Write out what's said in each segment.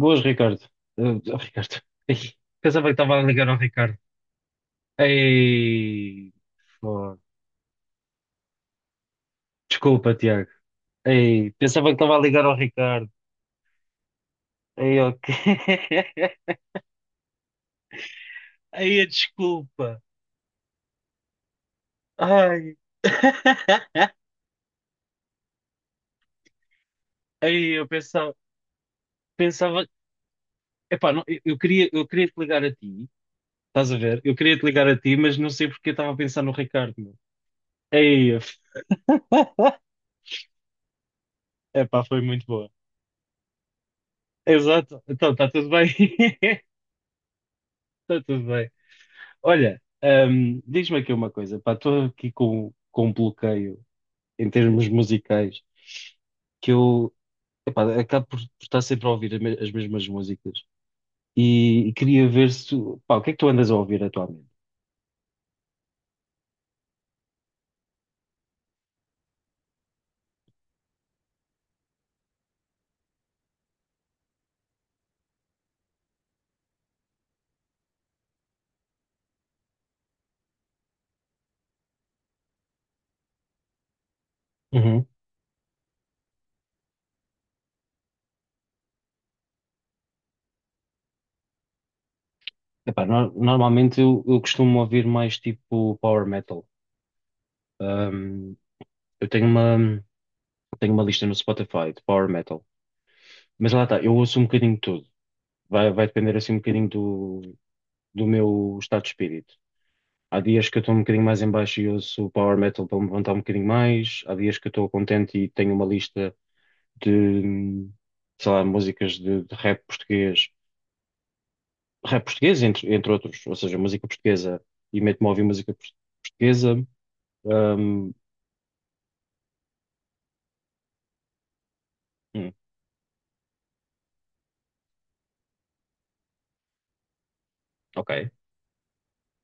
Boas, Ricardo. Eh, oh, Ricardo. Ei, pensava que estava a ligar ao Ricardo. Ei, fo- Desculpa, Tiago. Ei, pensava que estava a ligar ao Ricardo. Ei, ok. Ei, a desculpa. Ai. Ei, eu pensava, pensava, epá, Não, eu queria te ligar a ti. Estás a ver? Eu queria te ligar a ti, mas não sei porque eu estava a pensar no Ricardo. Meu. Ei, f- Epá, foi muito boa. Exato. Então, está tudo bem. Está tudo bem. Olha, diz-me aqui uma coisa, pá, estou aqui com, um bloqueio em termos musicais que eu, epá, acabo por estar sempre a ouvir as as mesmas músicas e queria ver se, pá, o que é que tu andas a ouvir atualmente? Uhum. Epá, normalmente eu costumo ouvir mais tipo power metal. Hum, eu tenho uma lista no Spotify de power metal, mas lá está, eu ouço um bocadinho de tudo, vai depender assim um bocadinho do meu estado de espírito. Há dias que eu estou um bocadinho mais em baixo e ouço o power metal para me levantar um bocadinho mais. Há dias que eu estou contente e tenho uma lista de, sei lá, músicas de rap português. Rap português, entre, entre outros, ou seja, música portuguesa. E meto-me a ouvir música portuguesa. Ahm, hum, ok.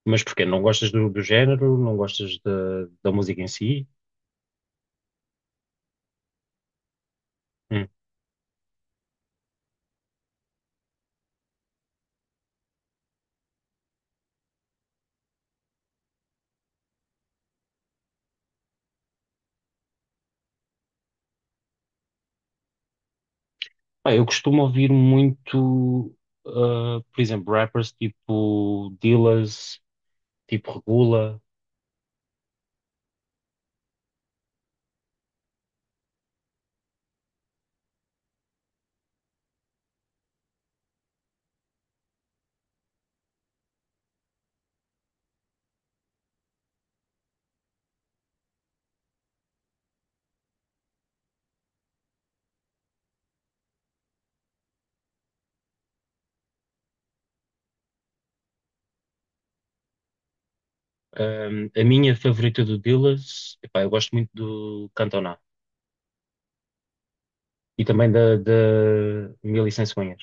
Mas porquê? Não gostas do, do género? Não gostas da, da música em si? Hum. Pá, eu costumo ouvir muito, ah, por exemplo, rappers tipo Dillaz, tipo Regula. A minha favorita do Dillas, epá, eu gosto muito do Cantona e também da Mil e Cem Cegonhas.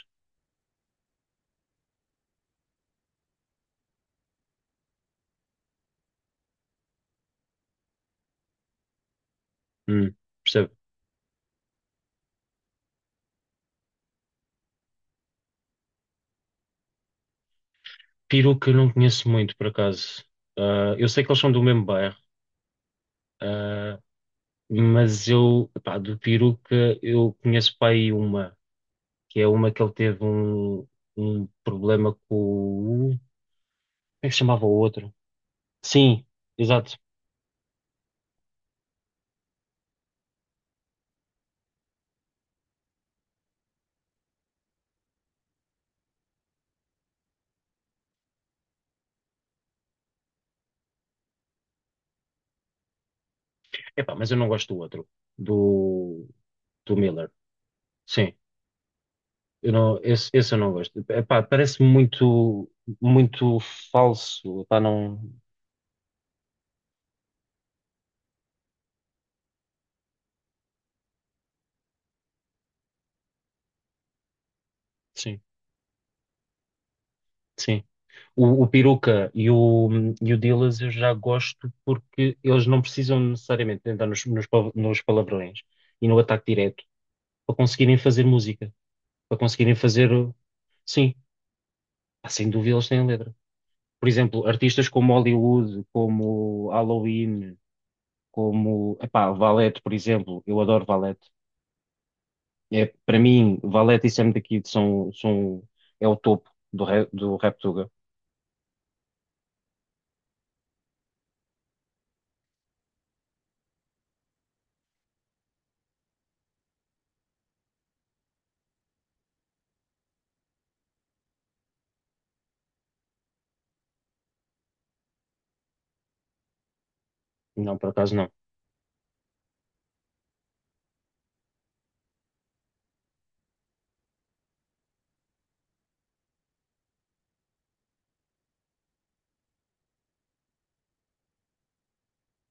Hum, Percebo. Peru que eu não conheço muito, por acaso. Ah, eu sei que eles são do mesmo bairro, ah, mas eu, epá, do Peruca eu conheço para aí uma, que é uma que ele teve um problema com o. Como é que se chamava o outro? Sim, exato. Epá, mas eu não gosto do outro, do, do Miller. Sim. Eu não, esse eu não gosto. Epá, parece muito, muito falso. Epá, não. Sim, sim. O Peruca e o Dillaz eu já gosto porque eles não precisam necessariamente de entrar nos, nos palavrões e no ataque direto para conseguirem fazer música, para conseguirem fazer. Sim, pá, sem dúvida eles têm a letra. Por exemplo, artistas como Hollywood, como Halloween, como. Epá, Valete, por exemplo. Eu adoro Valete. É, para mim, Valete e Sam daqui são, são, é o topo do, rap, do Raptuga. Não, por acaso não.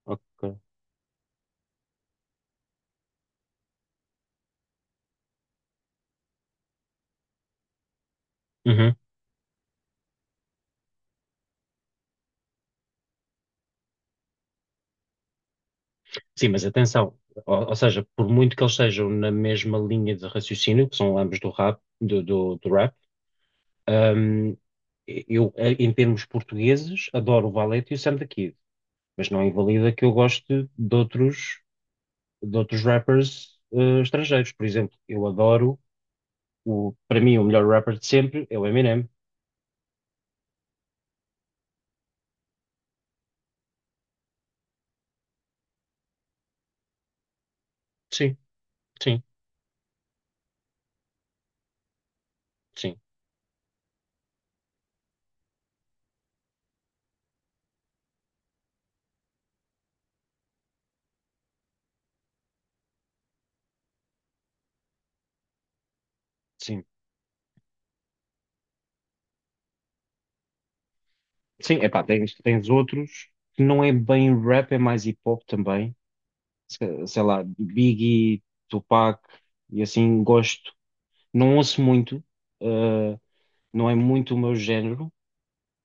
Ok. Uhum. Sim, mas atenção, ou seja, por muito que eles sejam na mesma linha de raciocínio, que são ambos do rap, do rap, hum, eu, em termos portugueses, adoro o Valete e o Sam the Kid, mas não invalida que eu goste de outros rappers, estrangeiros. Por exemplo, eu adoro, o, para mim, o melhor rapper de sempre é o Eminem. Sim, sim, sim. Sim, sim, epá, tens, tens outros que não é bem rap, é mais hip hop também. Sei lá, Biggie, Tupac e assim, gosto. Não ouço muito, uh, não é muito o meu género,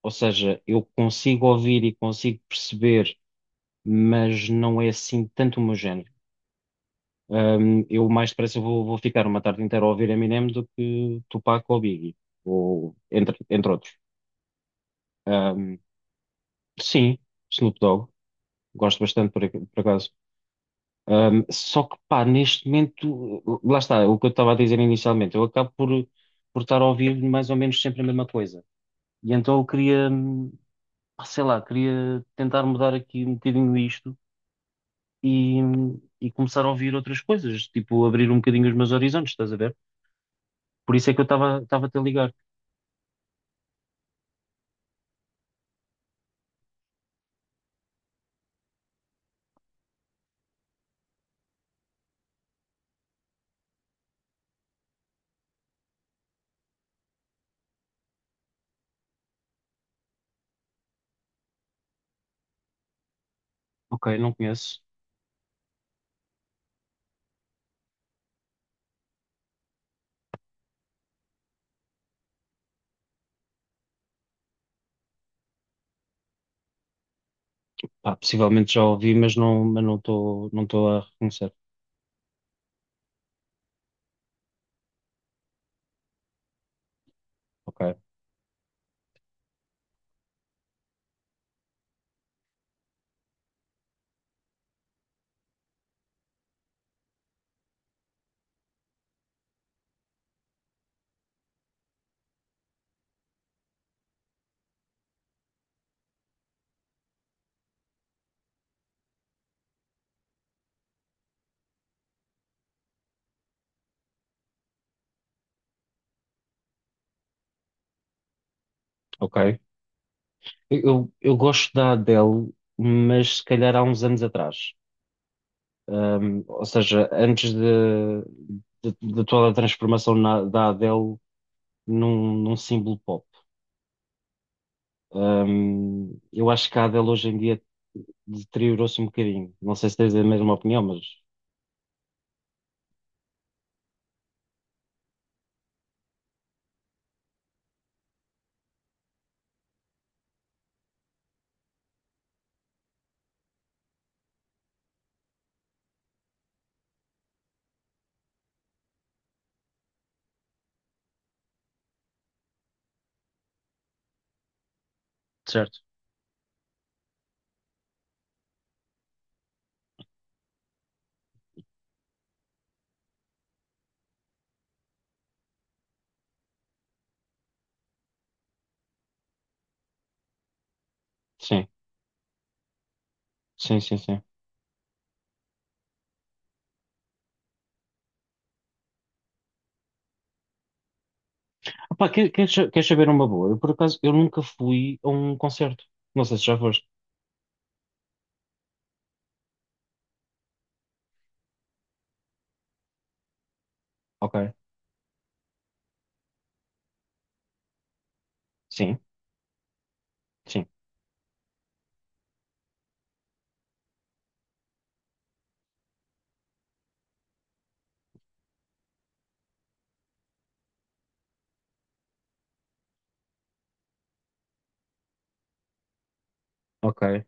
ou seja, eu consigo ouvir e consigo perceber, mas não é assim tanto o meu género. Eu mais depressa vou, vou ficar uma tarde inteira a ouvir Eminem do que Tupac ou Biggie, ou entre, entre outros. Um, sim, Snoop Dogg, gosto bastante por, por acaso. Só que, pá, neste momento, lá está, o que eu estava a dizer inicialmente, eu acabo por estar a ouvir mais ou menos sempre a mesma coisa. E então eu queria, pá, sei lá, queria tentar mudar aqui um bocadinho isto e, e começar a ouvir outras coisas, tipo abrir um bocadinho os meus horizontes, estás a ver? Por isso é que eu estava a te ligar. Ok, não conheço. Pá, possivelmente já ouvi, mas não, mas não estou a reconhecer. Ok, ok. Eu gosto da Adele, mas se calhar há uns anos atrás. Ou seja, antes de, de toda a transformação da Adele num, num símbolo pop. Eu acho que a Adele hoje em dia deteriorou-se um bocadinho. Não sei se tens a mesma opinião, mas certo. Sim, sim, sim, sim. Epá, queres saber uma boa? Eu, por acaso, eu nunca fui a um concerto. Não sei se já foste. Ok. Sim, sim, ok.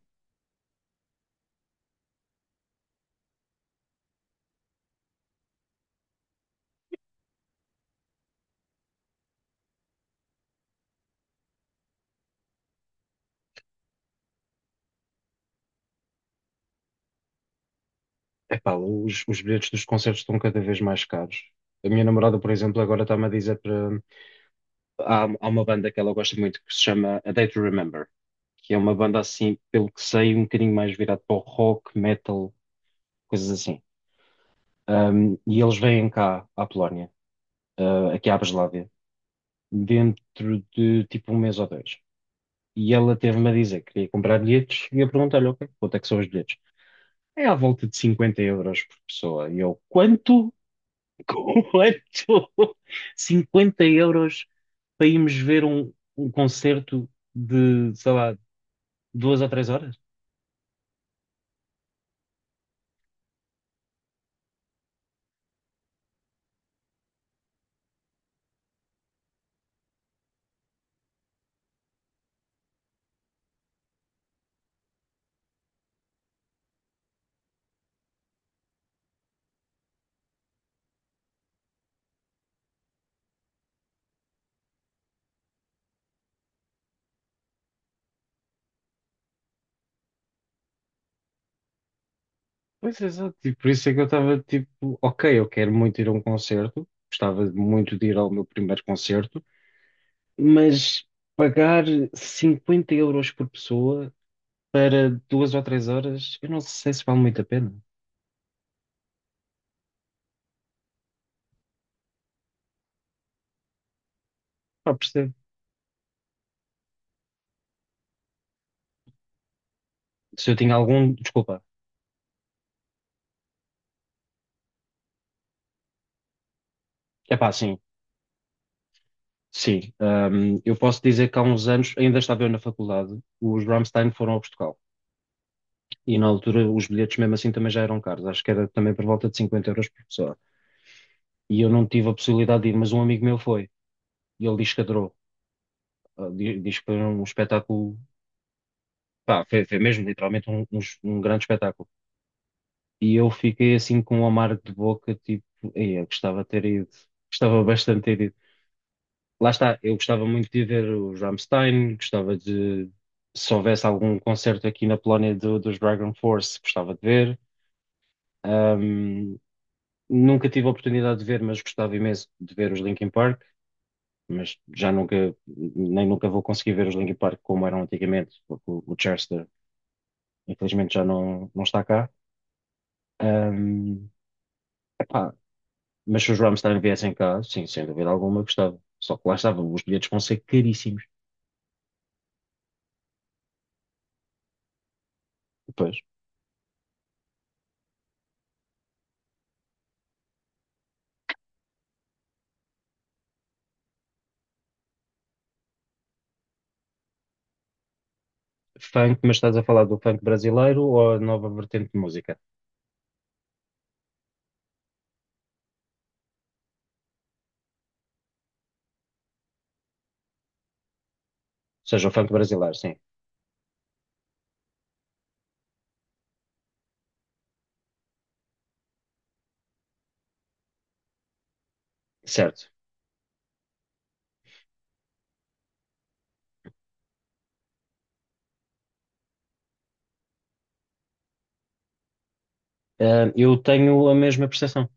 Epá, os bilhetes dos concertos estão cada vez mais caros. A minha namorada, por exemplo, agora está-me a dizer há, há uma banda que ela gosta muito que se chama A Day to Remember, que é uma banda assim, pelo que sei, um bocadinho mais virado para o rock, metal, coisas assim. E eles vêm cá à Polónia, aqui à Breslávia, dentro de tipo um mês ou dois. E ela teve-me a dizer que queria comprar bilhetes e eu perguntei-lhe, ok, quanto é que são os bilhetes? É à volta de cinquenta euros por pessoa. E eu, quanto? Quanto? Cinquenta euros para irmos ver um, um concerto de, sei lá, duas a três horas? Pois exato, e por isso é que eu estava tipo, ok, eu quero muito ir a um concerto, gostava muito de ir ao meu primeiro concerto, mas pagar 50 euros por pessoa para duas ou três horas, eu não sei se vale muito a pena. Pá, percebo. Se eu tinha algum, desculpa. É pá, sim, sim. Eu posso dizer que há uns anos, ainda estava eu na faculdade, os Rammstein foram a Portugal. E na altura os bilhetes mesmo assim também já eram caros, acho que era também por volta de 50 euros por pessoa. E eu não tive a possibilidade de ir, mas um amigo meu foi e ele diz que adorou. Ah, diz que foi um espetáculo, pá, foi, foi mesmo literalmente um, um grande espetáculo. E eu fiquei assim com um amargo de boca, tipo, "Ei, eu gostava de ter ido, gostava bastante de ter ido." Lá está, eu gostava muito de ver os Rammstein, gostava de, se houvesse algum concerto aqui na Polónia dos Dragon Force, gostava de ver. Ahm, nunca tive a oportunidade de ver, mas gostava imenso de ver os Linkin Park. Mas já nunca, nem nunca vou conseguir ver os Linkin Park como eram antigamente, porque o Chester, infelizmente, já não, não está cá. Ahm, Epá, mas se os Rammstein viessem cá, sim, sem dúvida alguma, eu gostava. Só que lá estava, os bilhetes vão ser caríssimos. Depois, funk, mas estás a falar do funk brasileiro ou a nova vertente de música? Ou seja, o funk brasileiro, sim, certo. Eu tenho a mesma percepção.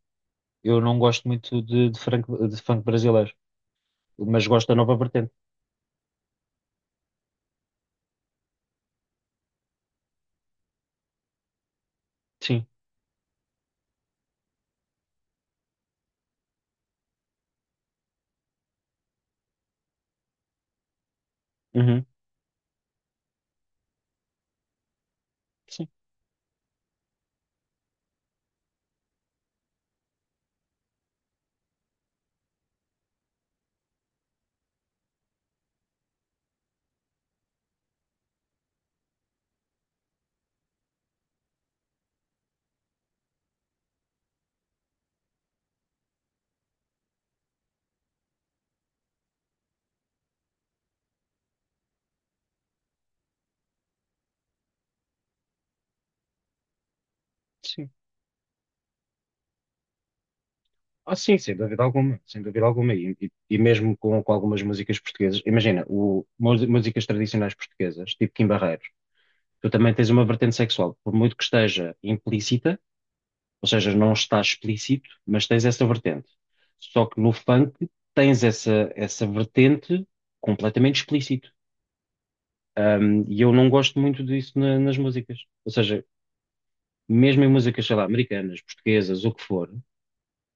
Eu não gosto muito de, funk, de funk brasileiro, mas gosto da nova vertente. Sim. Uhum. Sim. Sim. Ah, sim, sem dúvida alguma, sem dúvida alguma. E, e mesmo com algumas músicas portuguesas, imagina, o, músicas tradicionais portuguesas, tipo Kim Barreiros, tu também tens uma vertente sexual, por muito que esteja implícita, ou seja, não está explícito, mas tens essa vertente. Só que no funk tens essa, essa vertente completamente explícito. E eu não gosto muito disso nas músicas. Ou seja, mesmo em músicas, sei lá, americanas, portuguesas, o que for,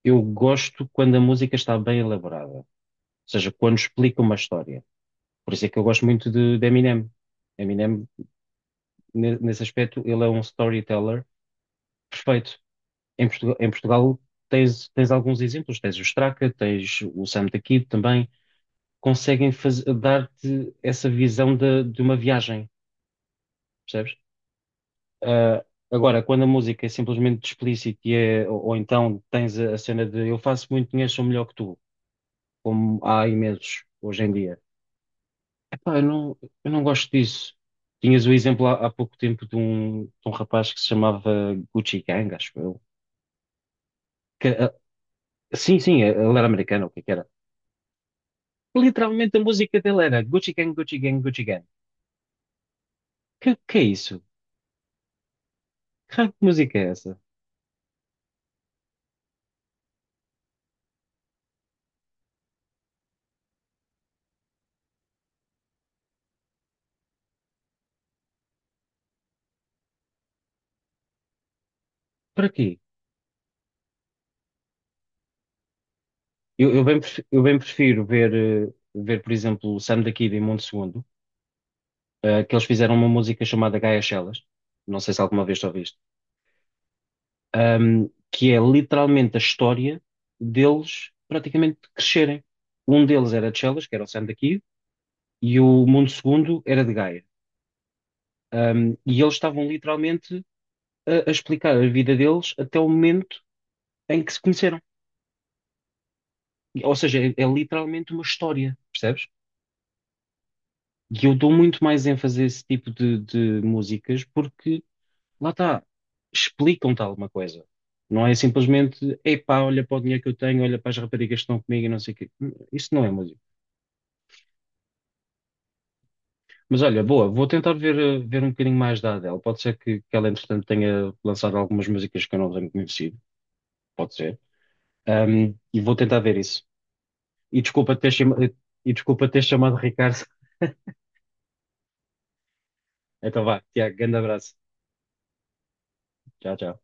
eu gosto quando a música está bem elaborada. Seja, quando explica uma história. Por isso é que eu gosto muito de Eminem. Eminem, nesse aspecto, ele é um storyteller perfeito. Em Portugal tens, tens alguns exemplos, tens o Straka, tens o Sam the Kid também, conseguem dar-te essa visão de uma viagem, percebes? Ah, agora, quando a música é simplesmente explícita e é, ou então tens a cena de eu faço muito dinheiro, sou melhor que tu, como há imensos hoje em dia. Epá, eu não gosto disso. Tinhas o exemplo há, há pouco tempo de um rapaz que se chamava Gucci Gang, acho eu. Que, ah, sim, sim, ele era americano, o que é que era? Literalmente a música dele era Gucci Gang, Gucci Gang, Gucci Gang. Que é isso? Que raio de música é essa? Para quê? Eu, eu bem prefiro ver, ver, por exemplo, o Sam da Kid e Mundo Segundo, que eles fizeram uma música chamada Gaia Chelas. Não sei se alguma vez ouviste. Um, que é literalmente a história deles praticamente crescerem. Um deles era de Chelas, que era o Sam daqui, e o mundo segundo era de Gaia. Um, e eles estavam literalmente a explicar a vida deles até o momento em que se conheceram. Ou seja, é, é literalmente uma história, percebes? E eu dou muito mais ênfase a esse tipo de músicas porque, lá está, explicam-te alguma coisa. Não é simplesmente, epá, olha para o dinheiro que eu tenho, olha para as raparigas que estão comigo e não sei o quê. Isso não é. Mas olha, boa, vou tentar ver, ver um bocadinho mais da Adele. Pode ser que ela, entretanto, tenha lançado algumas músicas que eu não tenho conhecido. Pode ser. E vou tentar ver isso. E desculpa ter, chama- e desculpa ter chamado Ricardo. Então vá, Tiago, grande abraço. Tchau, tchau.